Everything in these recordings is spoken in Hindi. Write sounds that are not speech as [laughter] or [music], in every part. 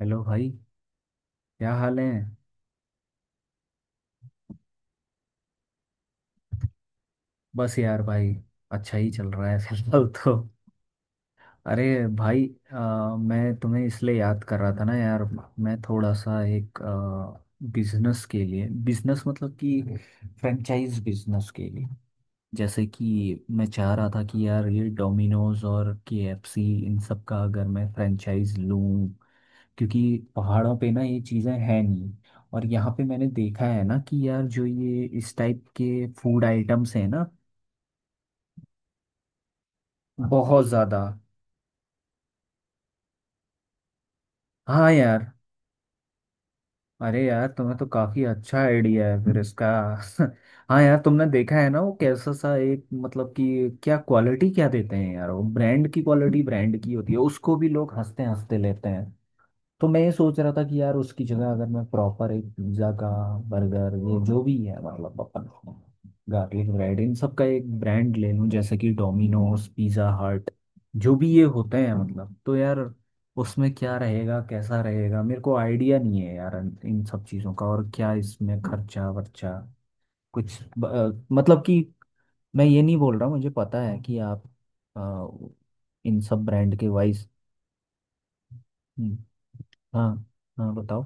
हेलो भाई। क्या हाल है। बस यार भाई, अच्छा ही चल रहा है [laughs] फिलहाल तो। अरे भाई, मैं तुम्हें इसलिए याद कर रहा था ना यार। मैं थोड़ा सा एक बिजनेस के लिए, बिजनेस मतलब कि फ्रेंचाइज बिजनेस के लिए। जैसे कि मैं चाह रहा था कि यार ये डोमिनोज और केएफसी इन सब का अगर मैं फ्रेंचाइज लूँ, क्योंकि पहाड़ों पे ना ये चीज़ें हैं नहीं। और यहाँ पे मैंने देखा है ना कि यार जो ये इस टाइप के फूड आइटम्स हैं ना, बहुत ज़्यादा। हाँ यार। अरे यार, तुम्हें तो काफ़ी अच्छा आइडिया है फिर इसका। [laughs] हाँ यार, तुमने देखा है ना वो कैसा सा एक, मतलब कि क्या क्वालिटी क्या देते हैं यार। वो ब्रांड की क्वालिटी, ब्रांड की होती है, उसको भी लोग हंसते हंसते लेते हैं। तो मैं ये सोच रहा था कि यार उसकी जगह अगर मैं प्रॉपर एक पिज्ज़ा का, बर्गर, ये जो भी है मतलब अपन, गार्लिक ब्रेड इन सब का एक ब्रांड ले लूं, जैसे कि डोमिनोज, पिज़्ज़ा हट, जो भी ये होते हैं मतलब। तो यार उसमें क्या रहेगा, कैसा रहेगा, मेरे को आइडिया नहीं है यार इन इन सब चीज़ों का। और क्या इसमें खर्चा वर्चा, मतलब कि मैं ये नहीं बोल रहा हूँ, मुझे पता है कि आप, अ, इन सब ब्रांड के वाइज। हाँ। हाँ बताओ।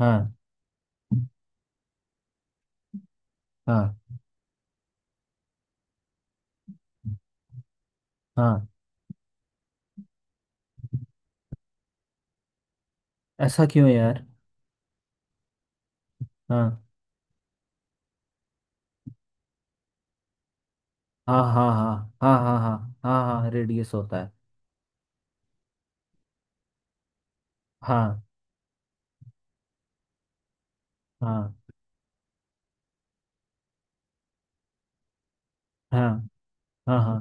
हाँ। हाँ। हाँ। ऐसा क्यों यार। हाँ हाँ हाँ हाँ हाँ हाँ। हाँ हाँ हाँ, हाँ, रेडियस होता है। हाँ। हाँ। हाँ। हाँ। हाँ।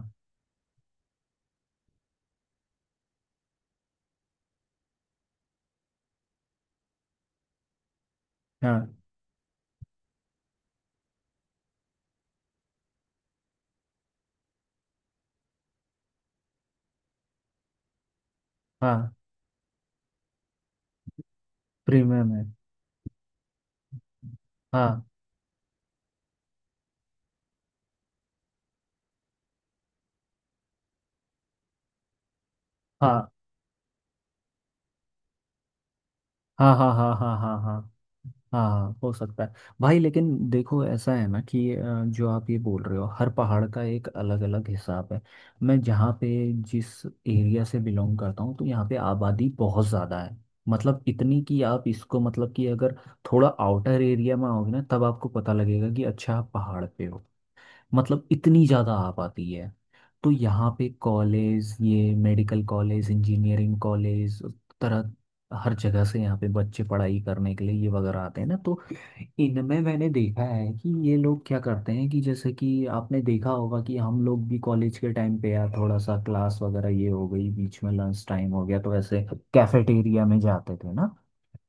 हाँ। हाँ प्रीमियम है। हाँ। हाँ। हाँ हाँ हाँ हाँ हाँ हाँ। हाँ हाँ, हो सकता है। भाई लेकिन देखो ऐसा है ना कि जो आप ये बोल रहे हो, हर पहाड़ का एक अलग अलग हिसाब है। मैं जहाँ पे, जिस एरिया से बिलोंग करता हूँ, तो यहाँ पे आबादी बहुत ज़्यादा है। मतलब इतनी कि आप इसको मतलब कि अगर थोड़ा आउटर एरिया में आओगे ना, तब आपको पता लगेगा कि अच्छा आप पहाड़ पे हो। मतलब इतनी ज़्यादा आ पाती है। तो यहाँ पे कॉलेज, ये मेडिकल कॉलेज, इंजीनियरिंग कॉलेज तरह हर जगह से यहाँ पे बच्चे पढ़ाई करने के लिए ये वगैरह आते हैं ना। तो इनमें मैंने देखा है कि ये लोग क्या करते हैं कि जैसे कि आपने देखा होगा कि हम लोग भी कॉलेज के टाइम पे यार थोड़ा सा क्लास वगैरह ये हो गई, बीच में लंच टाइम हो गया, तो ऐसे कैफेटेरिया में जाते थे ना।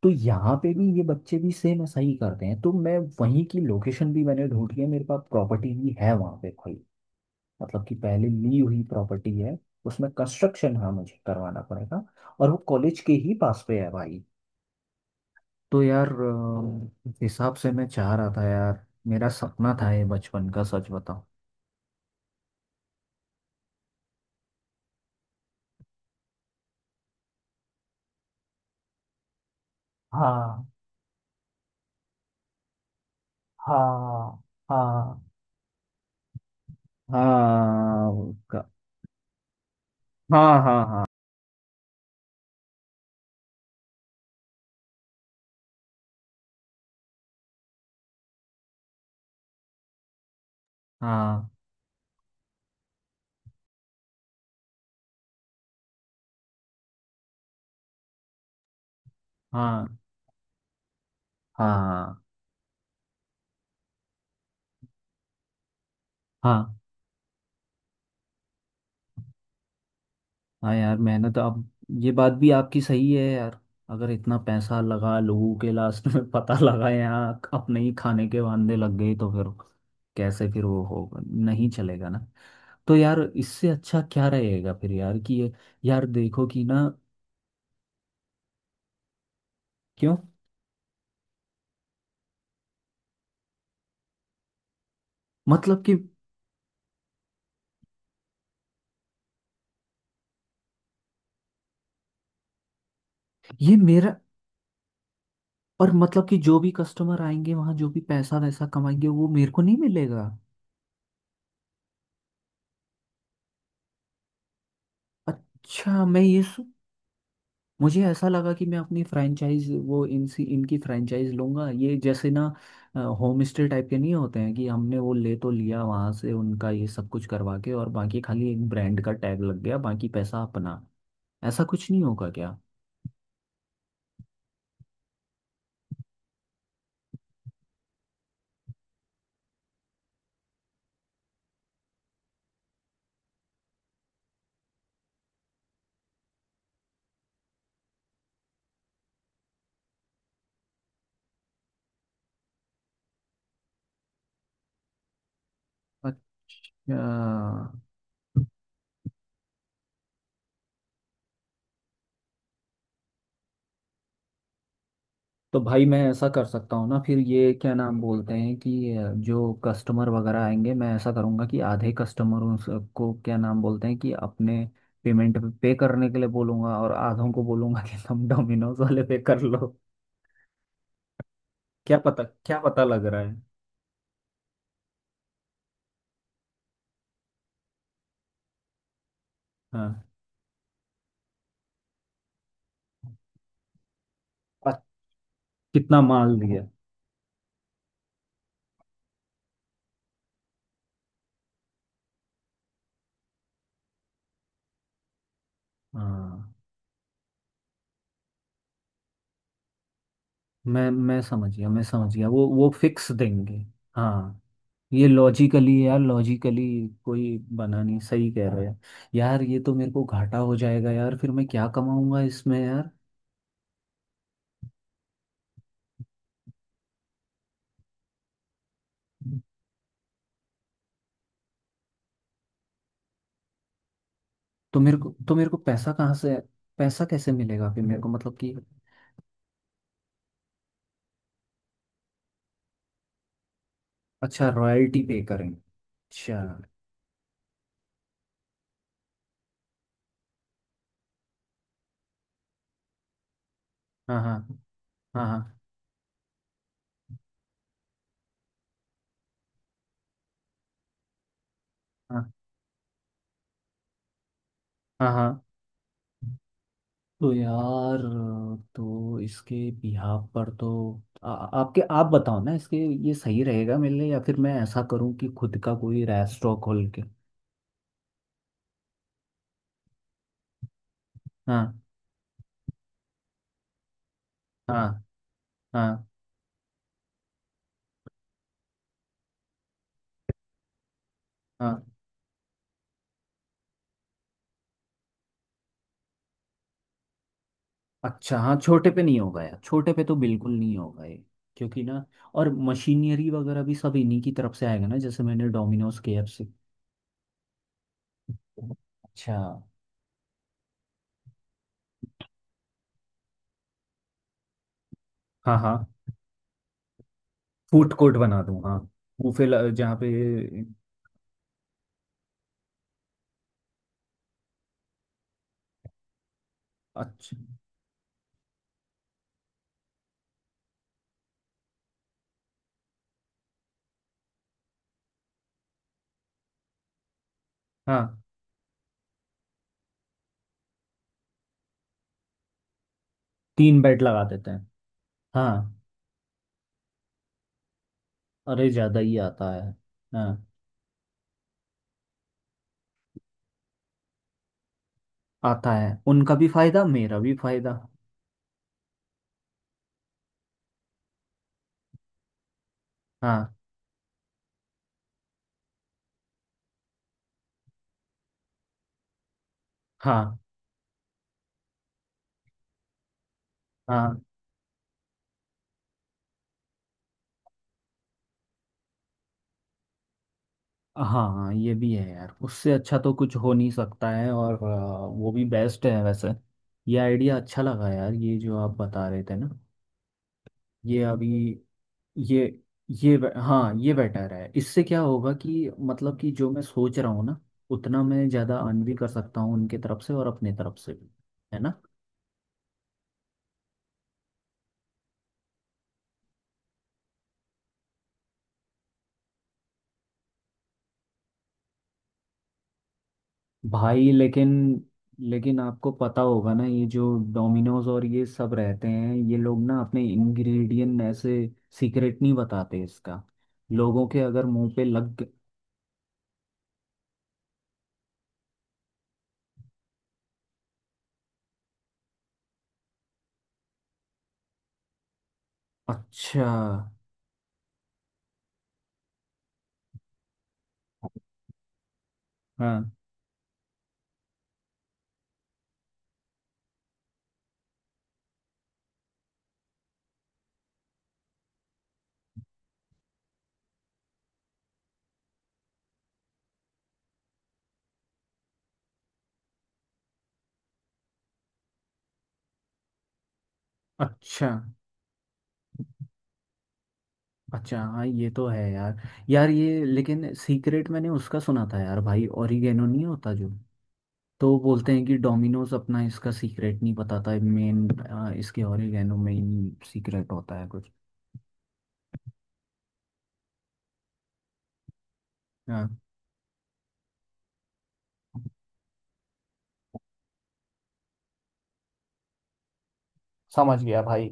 तो यहाँ पे भी ये बच्चे भी सेम ऐसा ही करते हैं। तो मैं वहीं की लोकेशन भी मैंने ढूंढ ली है, मेरे पास प्रॉपर्टी भी है वहाँ पे भाई। मतलब कि पहले ली हुई प्रॉपर्टी है। उसमें कंस्ट्रक्शन हाँ मुझे करवाना पड़ेगा। और वो कॉलेज के ही पास पे है भाई। तो यार इस हिसाब से मैं चाह रहा था यार, मेरा सपना था ये बचपन का, सच बताऊं। हाँ। हाँ। हाँ। हाँ उसका-। हाँ हाँ हाँ। हाँ हाँ हाँ। हाँ। हाँ यार मेहनत आप, ये बात भी आपकी सही है यार। अगर इतना पैसा लगा लोगों के, लास्ट में पता लगा यहाँ अपने ही खाने के वांदे लग गए, तो फिर कैसे फिर वो होगा। नहीं चलेगा ना। तो यार इससे अच्छा क्या रहेगा फिर यार कि ये, यार देखो कि ना। क्यों। मतलब कि ये मेरा, और मतलब कि जो भी कस्टमर आएंगे वहाँ, जो भी पैसा वैसा कमाएंगे, वो मेरे को नहीं मिलेगा। अच्छा मैं मुझे ऐसा लगा कि मैं अपनी फ्रैंचाइज वो इनसी इनकी फ्रैंचाइज लूंगा, ये जैसे ना होम स्टे टाइप के नहीं होते हैं कि हमने वो ले तो लिया वहां से, उनका ये सब कुछ करवा के और बाकी खाली एक ब्रांड का टैग लग गया, बाकी पैसा अपना। ऐसा कुछ नहीं होगा क्या। अच्छा। तो भाई मैं ऐसा कर सकता हूँ ना फिर, ये क्या नाम बोलते हैं कि जो कस्टमर वगैरह आएंगे, मैं ऐसा करूँगा कि आधे कस्टमरों को क्या नाम बोलते हैं कि अपने पेमेंट पे करने के लिए बोलूँगा, और आधों को बोलूँगा कि तुम डोमिनोज वाले पे कर लो। क्या पता, क्या पता लग रहा है। हाँ। अ- कितना माल दिया। हाँ। मैं समझ गया, मैं समझ गया, वो फिक्स देंगे। हाँ, ये लॉजिकली यार, लॉजिकली कोई बना नहीं, सही कह रहे हैं। यार ये तो मेरे को घाटा हो जाएगा यार, फिर मैं क्या कमाऊंगा इसमें यार। तो मेरे को पैसा कहाँ से, पैसा कैसे मिलेगा फिर मेरे को, मतलब कि। अच्छा रॉयल्टी पे करें, अच्छा। हाँ हाँ। हाँ। हाँ हाँ हाँ हाँ। तो यार, तो इसके बिहाव पर तो आपके आप बताओ ना इसके, ये सही रहेगा मेरे लिए या फिर मैं ऐसा करूं कि खुद का कोई रेस्टोरेंट खोल के। हाँ। हाँ। हाँ। हाँ। अच्छा हाँ छोटे पे नहीं होगा यार, छोटे पे तो बिल्कुल नहीं होगा ये। क्योंकि ना, और मशीनरी वगैरह भी सब इन्हीं की तरफ से आएगा ना, जैसे मैंने डोमिनोज केएफसी। अच्छा। हाँ हाँ। फूड कोर्ट बना दूँ हाँ। जहाँ पे। अच्छा। हाँ तीन बेड लगा देते हैं। हाँ। अरे ज़्यादा ही आता है। हाँ आता है, उनका भी फायदा मेरा भी फायदा। हाँ हाँ हाँ हाँ। हाँ ये भी है यार, उससे अच्छा तो कुछ हो नहीं सकता है। और वो भी बेस्ट है वैसे। ये आइडिया अच्छा लगा यार, ये जो आप बता रहे थे ना, ये अभी, ये हाँ, ये बेटर है। इससे क्या होगा कि मतलब कि जो मैं सोच रहा हूँ ना, उतना मैं ज़्यादा अर्न भी कर सकता हूँ, उनके तरफ से और अपने तरफ से भी। है ना। भाई लेकिन लेकिन आपको पता होगा ना, ये जो डोमिनोज और ये सब रहते हैं, ये लोग ना अपने इंग्रेडिएंट ऐसे सीक्रेट नहीं बताते इसका। लोगों के अगर मुंह पे लग ग-। अच्छा। हाँ। अच्छा। अच्छा हाँ ये तो है यार। यार ये लेकिन सीक्रेट मैंने उसका सुना था यार, भाई ओरिगेनो नहीं होता जो, तो वो बोलते हैं कि डोमिनोज अपना इसका सीक्रेट नहीं बताता, मेन इसके ओरिगेनो में ही सीक्रेट होता है कुछ। हाँ। समझ गया भाई।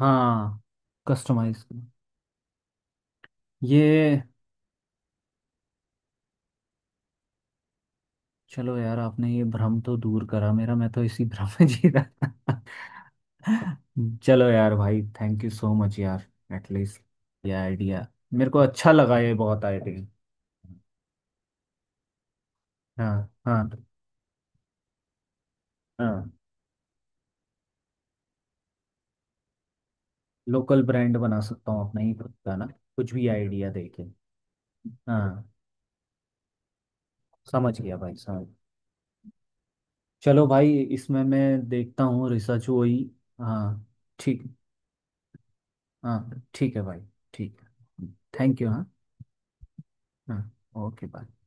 हाँ। कस्टमाइज करो। ये, चलो यार आपने ये भ्रम तो दूर करा मेरा, मैं तो इसी भ्रम में जी रहा था। [laughs] चलो यार भाई, थैंक यू सो मच यार। एटलीस्ट ये आइडिया मेरे को अच्छा लगा, ये बहुत आइडिया। हाँ। हाँ। हाँ लोकल ब्रांड बना सकता हूँ अपना ही खुद का ना, कुछ भी आइडिया देके। हाँ। समझ गया भाई, समझ। चलो भाई, इसमें मैं देखता हूँ, रिसर्च हुई। हाँ। ठीक। हाँ ठीक है भाई। ठीक। Thank you. हाँ। हाँ। Okay bye.